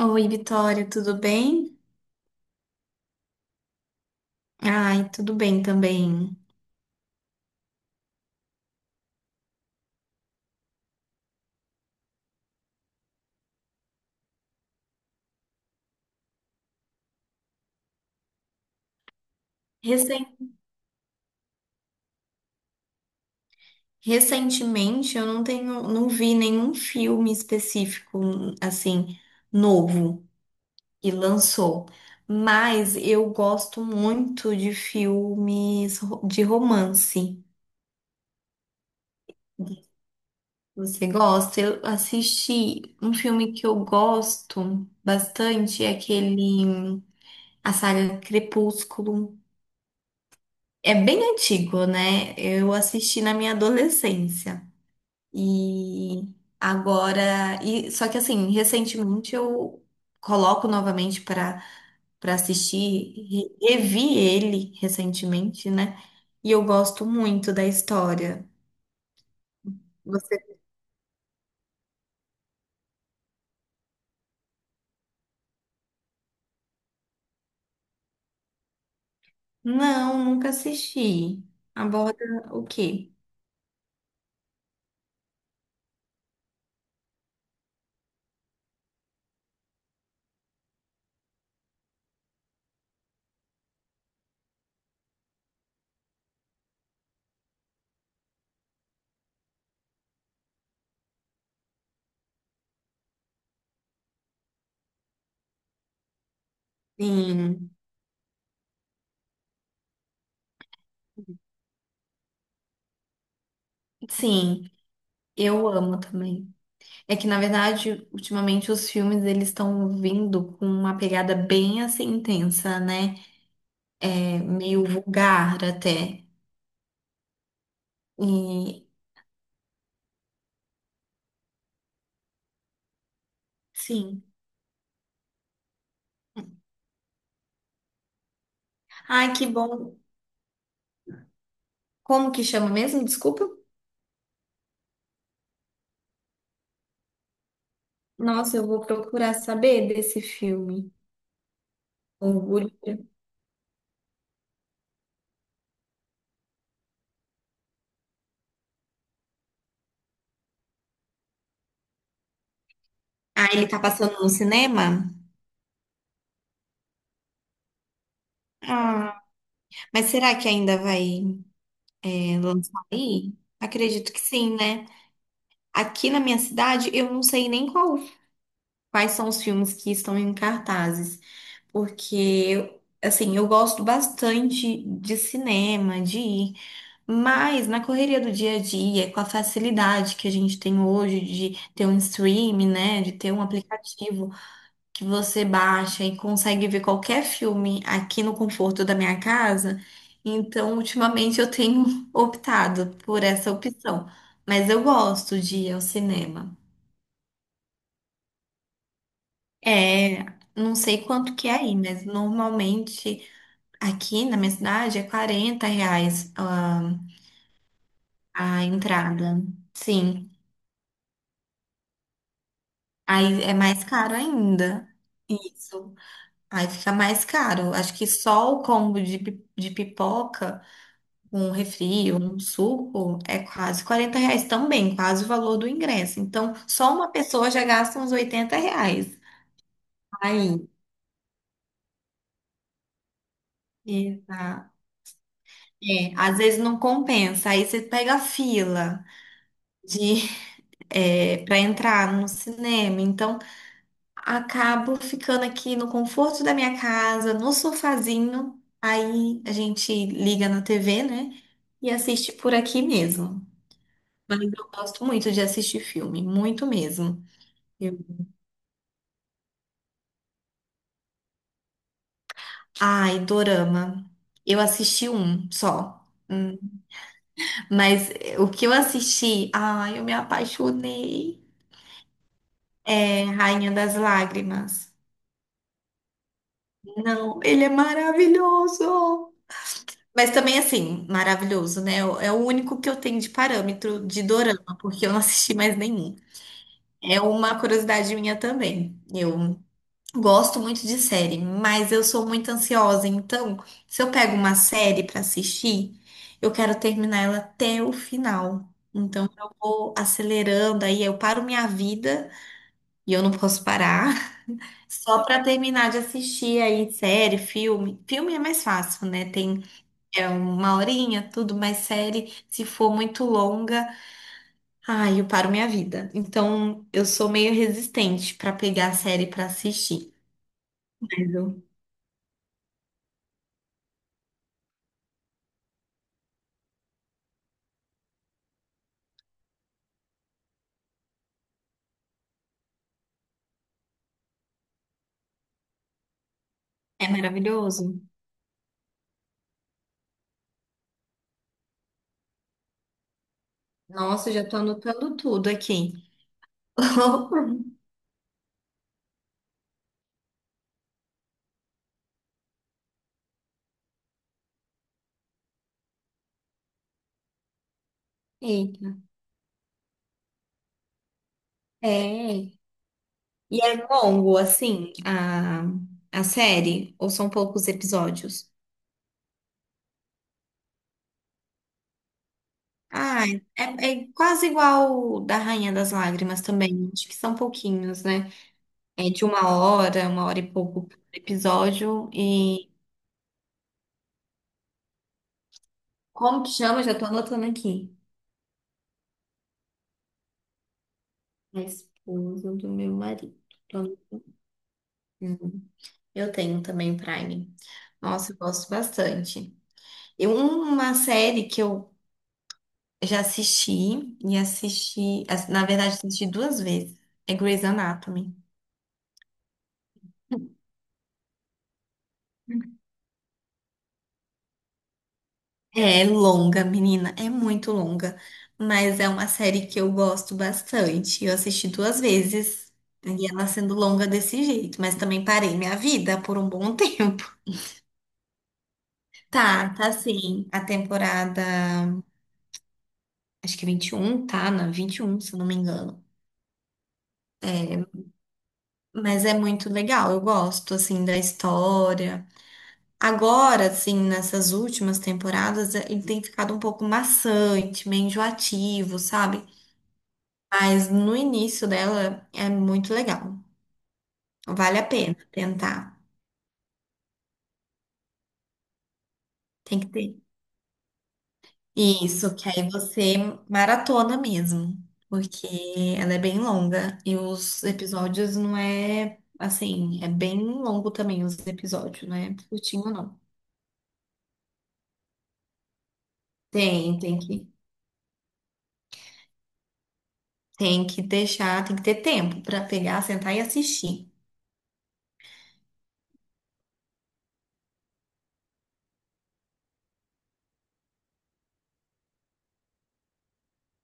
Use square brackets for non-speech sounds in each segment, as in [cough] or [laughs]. Oi, Vitória, tudo bem? Ai, tudo bem também. Recen- Recentemente eu não tenho, não vi nenhum filme específico, assim, novo que lançou, mas eu gosto muito de filmes de romance. Você gosta? Eu assisti um filme que eu gosto bastante, é aquele A Saga Crepúsculo. É bem antigo, né? Eu assisti na minha adolescência. E agora, e só que assim, recentemente eu coloco novamente para assistir, revi ele recentemente, né? E eu gosto muito da história. Você? Não, nunca assisti. Aborda o quê? Sim, sim, eu amo também. É que, na verdade, ultimamente os filmes eles estão vindo com uma pegada bem assim intensa, né? É meio vulgar até. E sim. Ai, que bom. Como que chama mesmo? Desculpa. Nossa, eu vou procurar saber desse filme. Orgulho. Ah, ele tá passando no cinema? Ah. Mas será que ainda vai lançar aí? Acredito que sim, né? Aqui na minha cidade, eu não sei nem qual, quais são os filmes que estão em cartazes. Porque assim, eu gosto bastante de cinema, de ir, mas na correria do dia a dia, com a facilidade que a gente tem hoje de ter um stream, né, de ter um aplicativo que você baixa e consegue ver qualquer filme aqui no conforto da minha casa, então ultimamente eu tenho [laughs] optado por essa opção, mas eu gosto de ir ao cinema. É, não sei quanto que é aí, mas normalmente aqui na minha cidade é R$ 40 a entrada. Sim. Aí é mais caro ainda. Isso. Aí fica mais caro. Acho que só o combo de pipoca, um refri, um suco, é quase R$ 40 também, quase o valor do ingresso. Então, só uma pessoa já gasta uns R$ 80. Aí, exato. É, às vezes não compensa. Aí você pega a fila de, [laughs] para entrar no cinema. Então, acabo ficando aqui no conforto da minha casa, no sofazinho. Aí a gente liga na TV, né? E assiste por aqui mesmo. Mas eu gosto muito de assistir filme, muito mesmo. Eu- Ai, Dorama. Eu assisti um só. Mas o que eu assisti, ai, eu me apaixonei. É Rainha das Lágrimas. Não, ele é maravilhoso. Mas também, assim, maravilhoso, né? É o único que eu tenho de parâmetro de dorama, porque eu não assisti mais nenhum. É uma curiosidade minha também. Eu gosto muito de série, mas eu sou muito ansiosa. Então, se eu pego uma série pra assistir, eu quero terminar ela até o final. Então, eu vou acelerando, aí eu paro minha vida e eu não posso parar. [laughs] Só pra terminar de assistir aí série, filme. Filme é mais fácil, né? Tem é uma horinha, tudo mais série. Se for muito longa, ai, eu paro minha vida. Então, eu sou meio resistente pra pegar a série pra assistir. Mas eu- É maravilhoso. Nossa, eu já tô anotando tudo aqui. [laughs] Eita. É. E é longo, assim, a série? Ou são poucos episódios? Ah, é quase igual o da Rainha das Lágrimas também. Acho que são pouquinhos, né? É de uma hora e pouco por episódio. E como que chama? Já tô anotando aqui. A esposa do meu marido. Tô anotando. Eu tenho também Prime. Nossa, eu gosto bastante. Eu, uma série que eu já assisti e assisti, na verdade, assisti duas vezes, é Grey's Anatomy. É longa, menina, é muito longa, mas é uma série que eu gosto bastante. Eu assisti duas vezes e ela sendo longa desse jeito, mas também parei minha vida por um bom [laughs] tempo. Tá, tá, sim. A temporada, acho que é 21, tá na 21, se eu não me engano. Mas é muito legal, eu gosto assim da história. Agora, assim, nessas últimas temporadas, ele tem ficado um pouco maçante, meio enjoativo, sabe? Mas no início dela é muito legal. Vale a pena tentar. Tem que ter. Isso, que aí você maratona mesmo, porque ela é bem longa e os episódios não é assim, é bem longo também os episódios, não é curtinho não. Tem, tem que, tem que deixar, tem que ter tempo pra pegar, sentar e assistir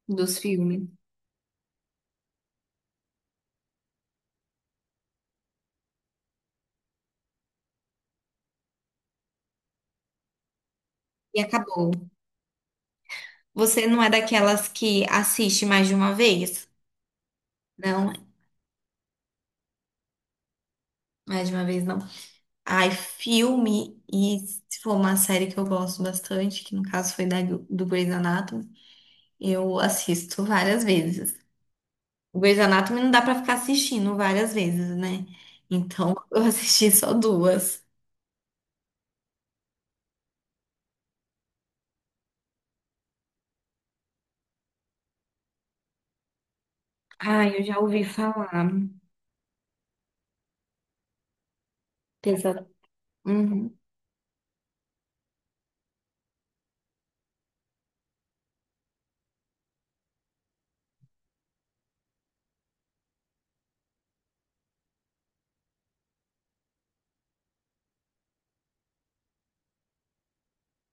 dos filmes. E acabou. Você não é daquelas que assiste mais de uma vez? Não, mais de uma vez não. Ai, filme, e se for uma série que eu gosto bastante, que no caso foi do Grey's Anatomy, eu assisto várias vezes. O Grey's Anatomy não dá pra ficar assistindo várias vezes, né? Então, [laughs] eu assisti só duas. Ai, eu já ouvi falar. Pesa. Uhum,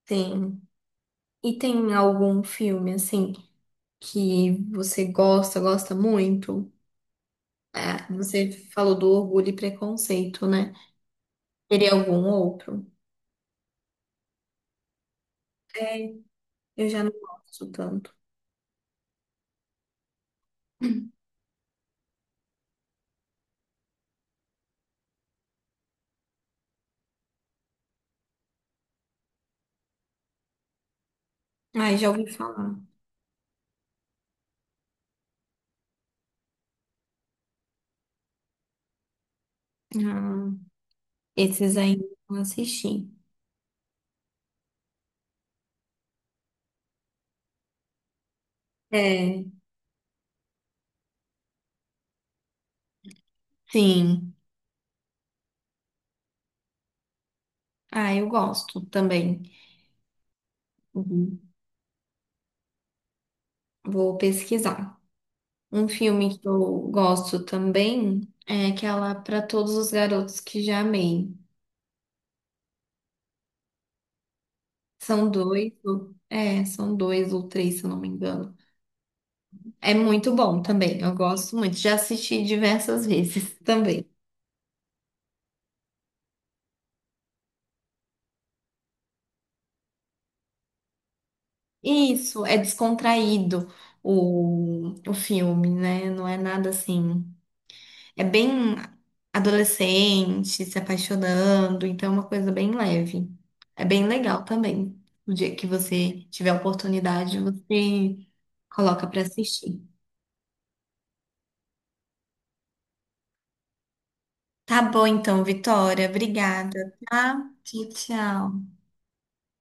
tem. E tem algum filme, assim, que você gosta, gosta muito? É, você falou do Orgulho e Preconceito, né? Teria algum outro? É, eu já não gosto tanto. Ai, já ouvi falar. Ah, esses aí eu não assisti. É, sim. Ah, eu gosto também. Uhum. Vou pesquisar. Um filme que eu gosto também é aquela Para Todos os Garotos que Já Amei. São dois, são dois ou três, se eu não me engano. É muito bom também, eu gosto muito. Já assisti diversas vezes [laughs] também. Isso, é descontraído o filme, né? Não é nada assim. É bem adolescente, se apaixonando, então é uma coisa bem leve. É bem legal também. O dia que você tiver a oportunidade, você coloca pra assistir. Tá bom então, Vitória. Obrigada, tá? Tchau, tchau.